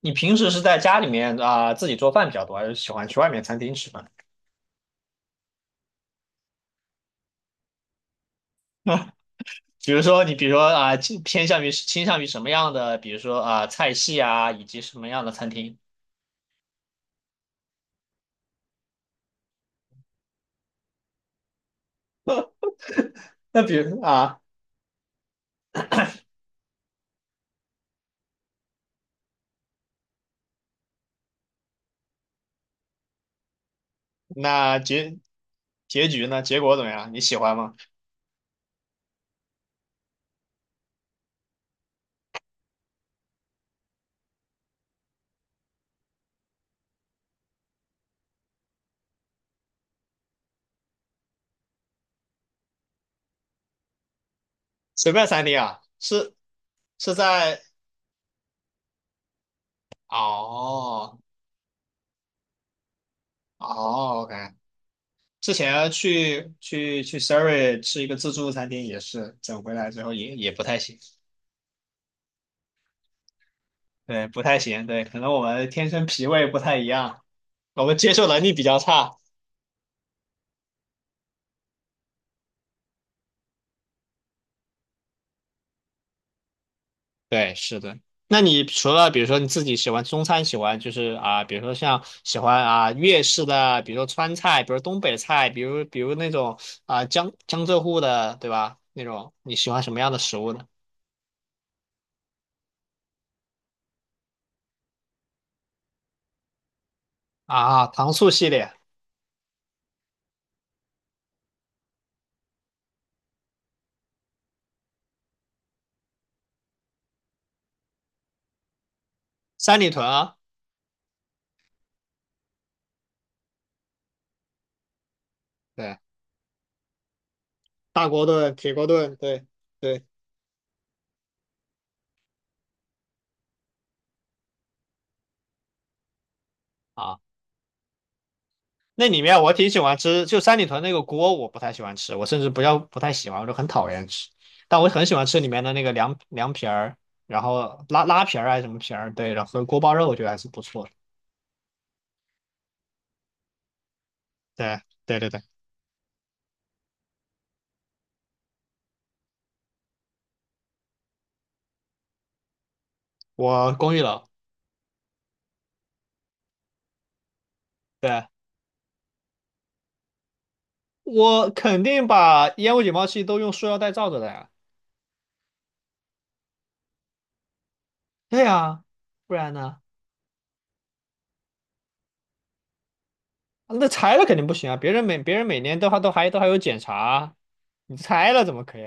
你平时是在家里面啊、自己做饭比较多，还是喜欢去外面餐厅吃饭？比如说你，比如说啊、倾向于什么样的，比如说啊、菜系啊，以及什么样的餐厅？那比如啊，那结局呢？结果怎么样？你喜欢吗？随便餐厅啊，是在哦哦，OK。之前去 Siri 吃一个自助餐厅，也是整回来之后也不太行，对，不太行，对，可能我们天生脾胃不太一样。我们接受能力比较差。对，是的。那你除了比如说你自己喜欢中餐，喜欢就是啊，比如说像喜欢啊粤式的，比如说川菜，比如东北菜，比如那种啊江浙沪的，对吧？那种你喜欢什么样的食物呢？啊，糖醋系列，三里屯啊，对大锅炖、铁锅炖，对对。啊。那里面我挺喜欢吃，就三里屯那个锅我不太喜欢吃，我甚至不要不太喜欢，我就很讨厌吃。但我很喜欢吃里面的那个凉皮儿，然后拉皮儿还是什么皮儿，对，然后锅包肉我觉得还是不错的。对对对对，我公寓楼，对，我肯定把烟雾警报器都用塑料袋罩着的呀。对呀，不然呢？啊那拆了肯定不行啊，别人每年都还有检查啊，你拆了怎么可以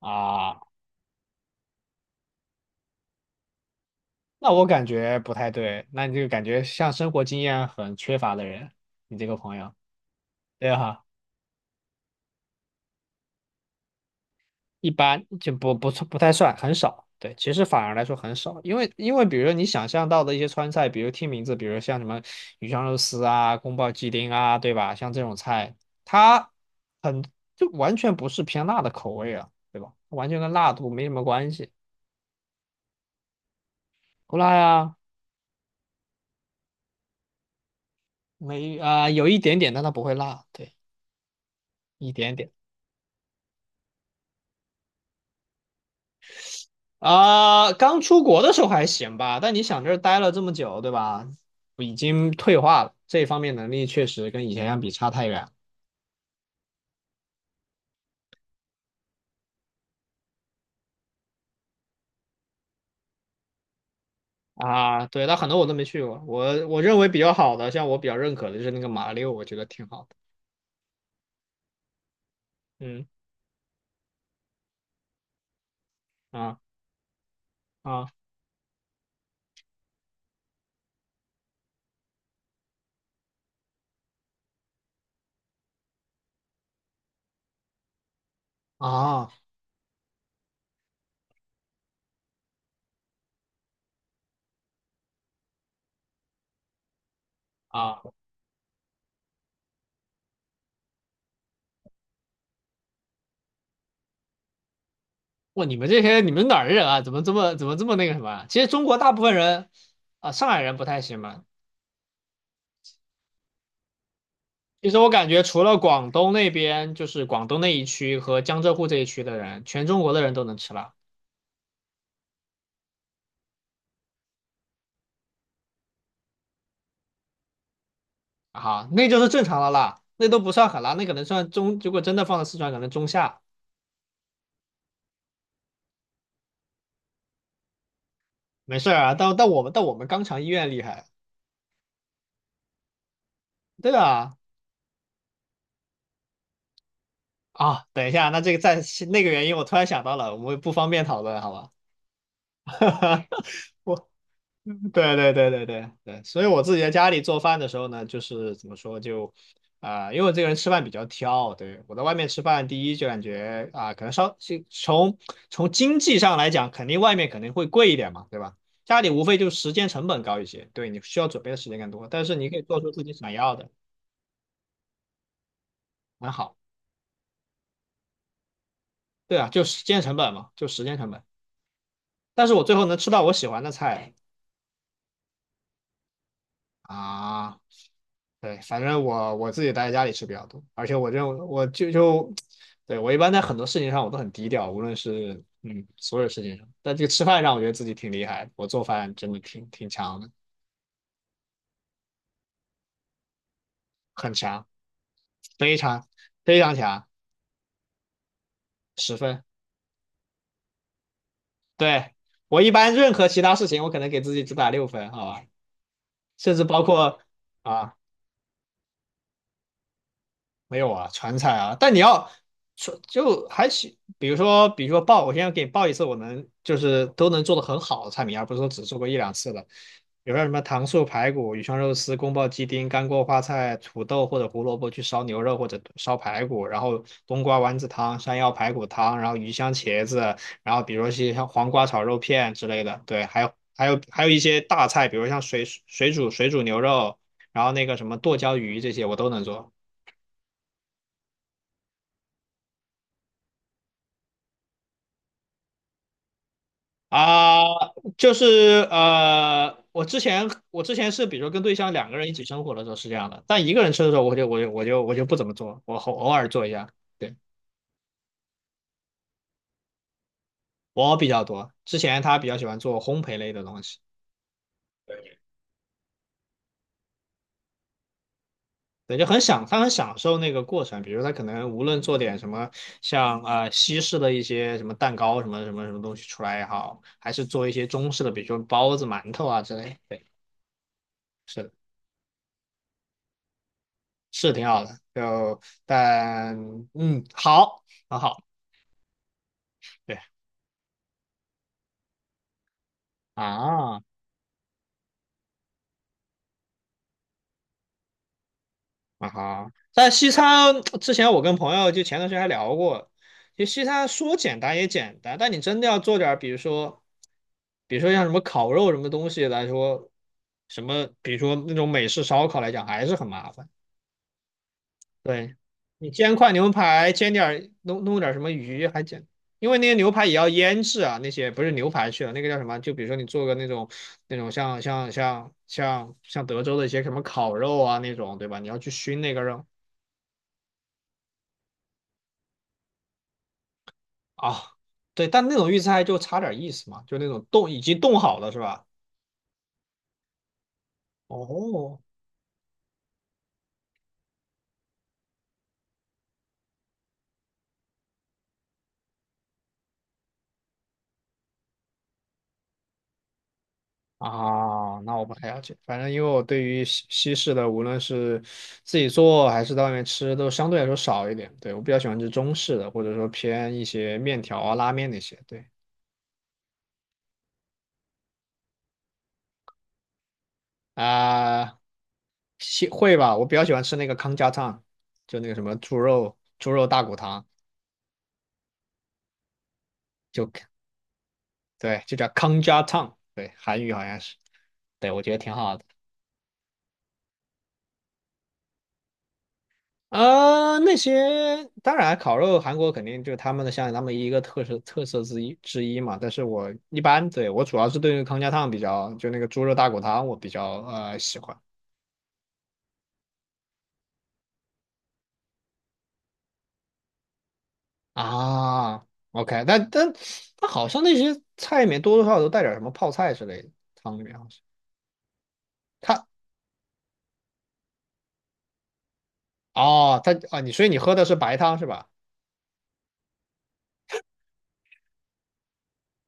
啊啊那我感觉不太对，那你这个感觉像生活经验很缺乏的人，你这个朋友，对哈，一般就不太算，很少。对，其实反而来说很少，因为比如说你想象到的一些川菜，比如听名字，比如像什么鱼香肉丝啊、宫保鸡丁啊，对吧？像这种菜，它很就完全不是偏辣的口味啊，对吧？完全跟辣度没什么关系，不辣呀，没啊、有一点点，但它不会辣，对，一点点。啊、刚出国的时候还行吧，但你想这儿待了这么久，对吧？已经退化了，这方面能力确实跟以前相比差太远了啊。对，但很多我都没去过，我认为比较好的，像我比较认可的就是那个马六，我觉得挺好的。嗯啊啊啊啊！哇，你们哪儿人啊？怎么这么那个什么啊？其实中国大部分人啊，上海人不太行吧？其实我感觉，除了广东那边，就是广东那一区和江浙沪这一区的人，全中国的人都能吃辣。啊，那就是正常的啦，那都不算很啦，那可能算中，如果真的放到四川，可能中下，没事儿啊。但我们肛肠医院厉害，对啊。啊，等一下，那个原因，我突然想到了，我们不方便讨论，好吧？我对对对对对对，所以我自己在家里做饭的时候呢，就是怎么说就，啊、因为我这个人吃饭比较挑，对，我在外面吃饭，第一就感觉啊、可能稍是从从经济上来讲，外面肯定会贵一点嘛，对吧？家里无非就时间成本高一些，对，你需要准备的时间更多，但是你可以做出自己想要的，很好，对啊，就时间成本嘛，就时间成本，但是我最后能吃到我喜欢的菜，啊。对，反正我自己待在家里吃比较多，而且我认为我就，对，我一般在很多事情上我都很低调，无论是所有事情上，但这个吃饭上我觉得自己挺厉害的，我做饭真的挺强的，很强，非常非常强，10分。对，我一般任何其他事情我可能给自己只打6分，好吧，甚至包括啊没有啊，川菜啊，但你要说就还行，比如说报，我现在给你报一次，就是都能做的很好的菜品，而不是说只做过一两次的。比如说什么糖醋排骨、鱼香肉丝、宫保鸡丁、干锅花菜、土豆或者胡萝卜去烧牛肉或者烧排骨，然后冬瓜丸子汤、山药排骨汤，然后鱼香茄子，然后比如说些像黄瓜炒肉片之类的，对，还有一些大菜，比如像水煮牛肉，然后那个什么剁椒鱼这些我都能做。啊、就是我之前是，比如说跟对象两个人一起生活的时候是这样的，但一个人吃的时候我就不怎么做，我偶尔做一下，对，我比较多。之前他比较喜欢做烘焙类的东西，对，就很享他很享受那个过程，比如他可能无论做点什么，像西式的一些什么蛋糕什么什么什么东西出来也好，还是做一些中式的，比如说包子、馒头啊之类，对，是的，是挺好的，就但好很好。对，啊啊哈！但西餐之前我跟朋友就前段时间还聊过，就西餐说简单也简单，但你真的要做点儿，比如说，比如说像什么烤肉什么东西来说，什么比如说那种美式烧烤来讲，还是很麻烦。对，你煎块牛排，煎点儿弄点儿什么鱼还简，因为那些牛排也要腌制啊，那些不是牛排去了，那个叫什么？就比如说你做个那种像德州的一些什么烤肉啊那种，对吧？你要去熏那个肉。啊，对，但那种预制菜就差点意思嘛，就那种冻已经冻好了是吧？哦，啊，那我不太了解，反正因为我对于西式的，无论是自己做还是在外面吃，都相对来说少一点。对，我比较喜欢吃中式的，或者说偏一些面条啊、拉面那些。对啊，会吧，我比较喜欢吃那个康家汤，就那个什么猪肉大骨汤，就对，就叫康家汤，对，韩语好像是，对，我觉得挺好的。呃，那些当然烤肉，韩国肯定就是他们的像他们一个特色之一嘛。但是我一般对我主要是对那个康家汤比较，就那个猪肉大骨汤我比较喜欢啊。OK，但好像那些菜里面多多少少都带点什么泡菜之类的，汤里面好像它哦它啊你所以你喝的是白汤是吧？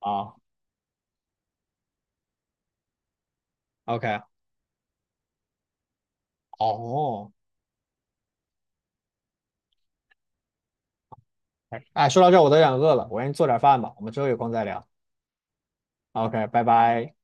啊，OK，哦，哎，哎说到这儿我都有点饿了，我先做点饭吧，我们之后有空再聊。OK，拜拜。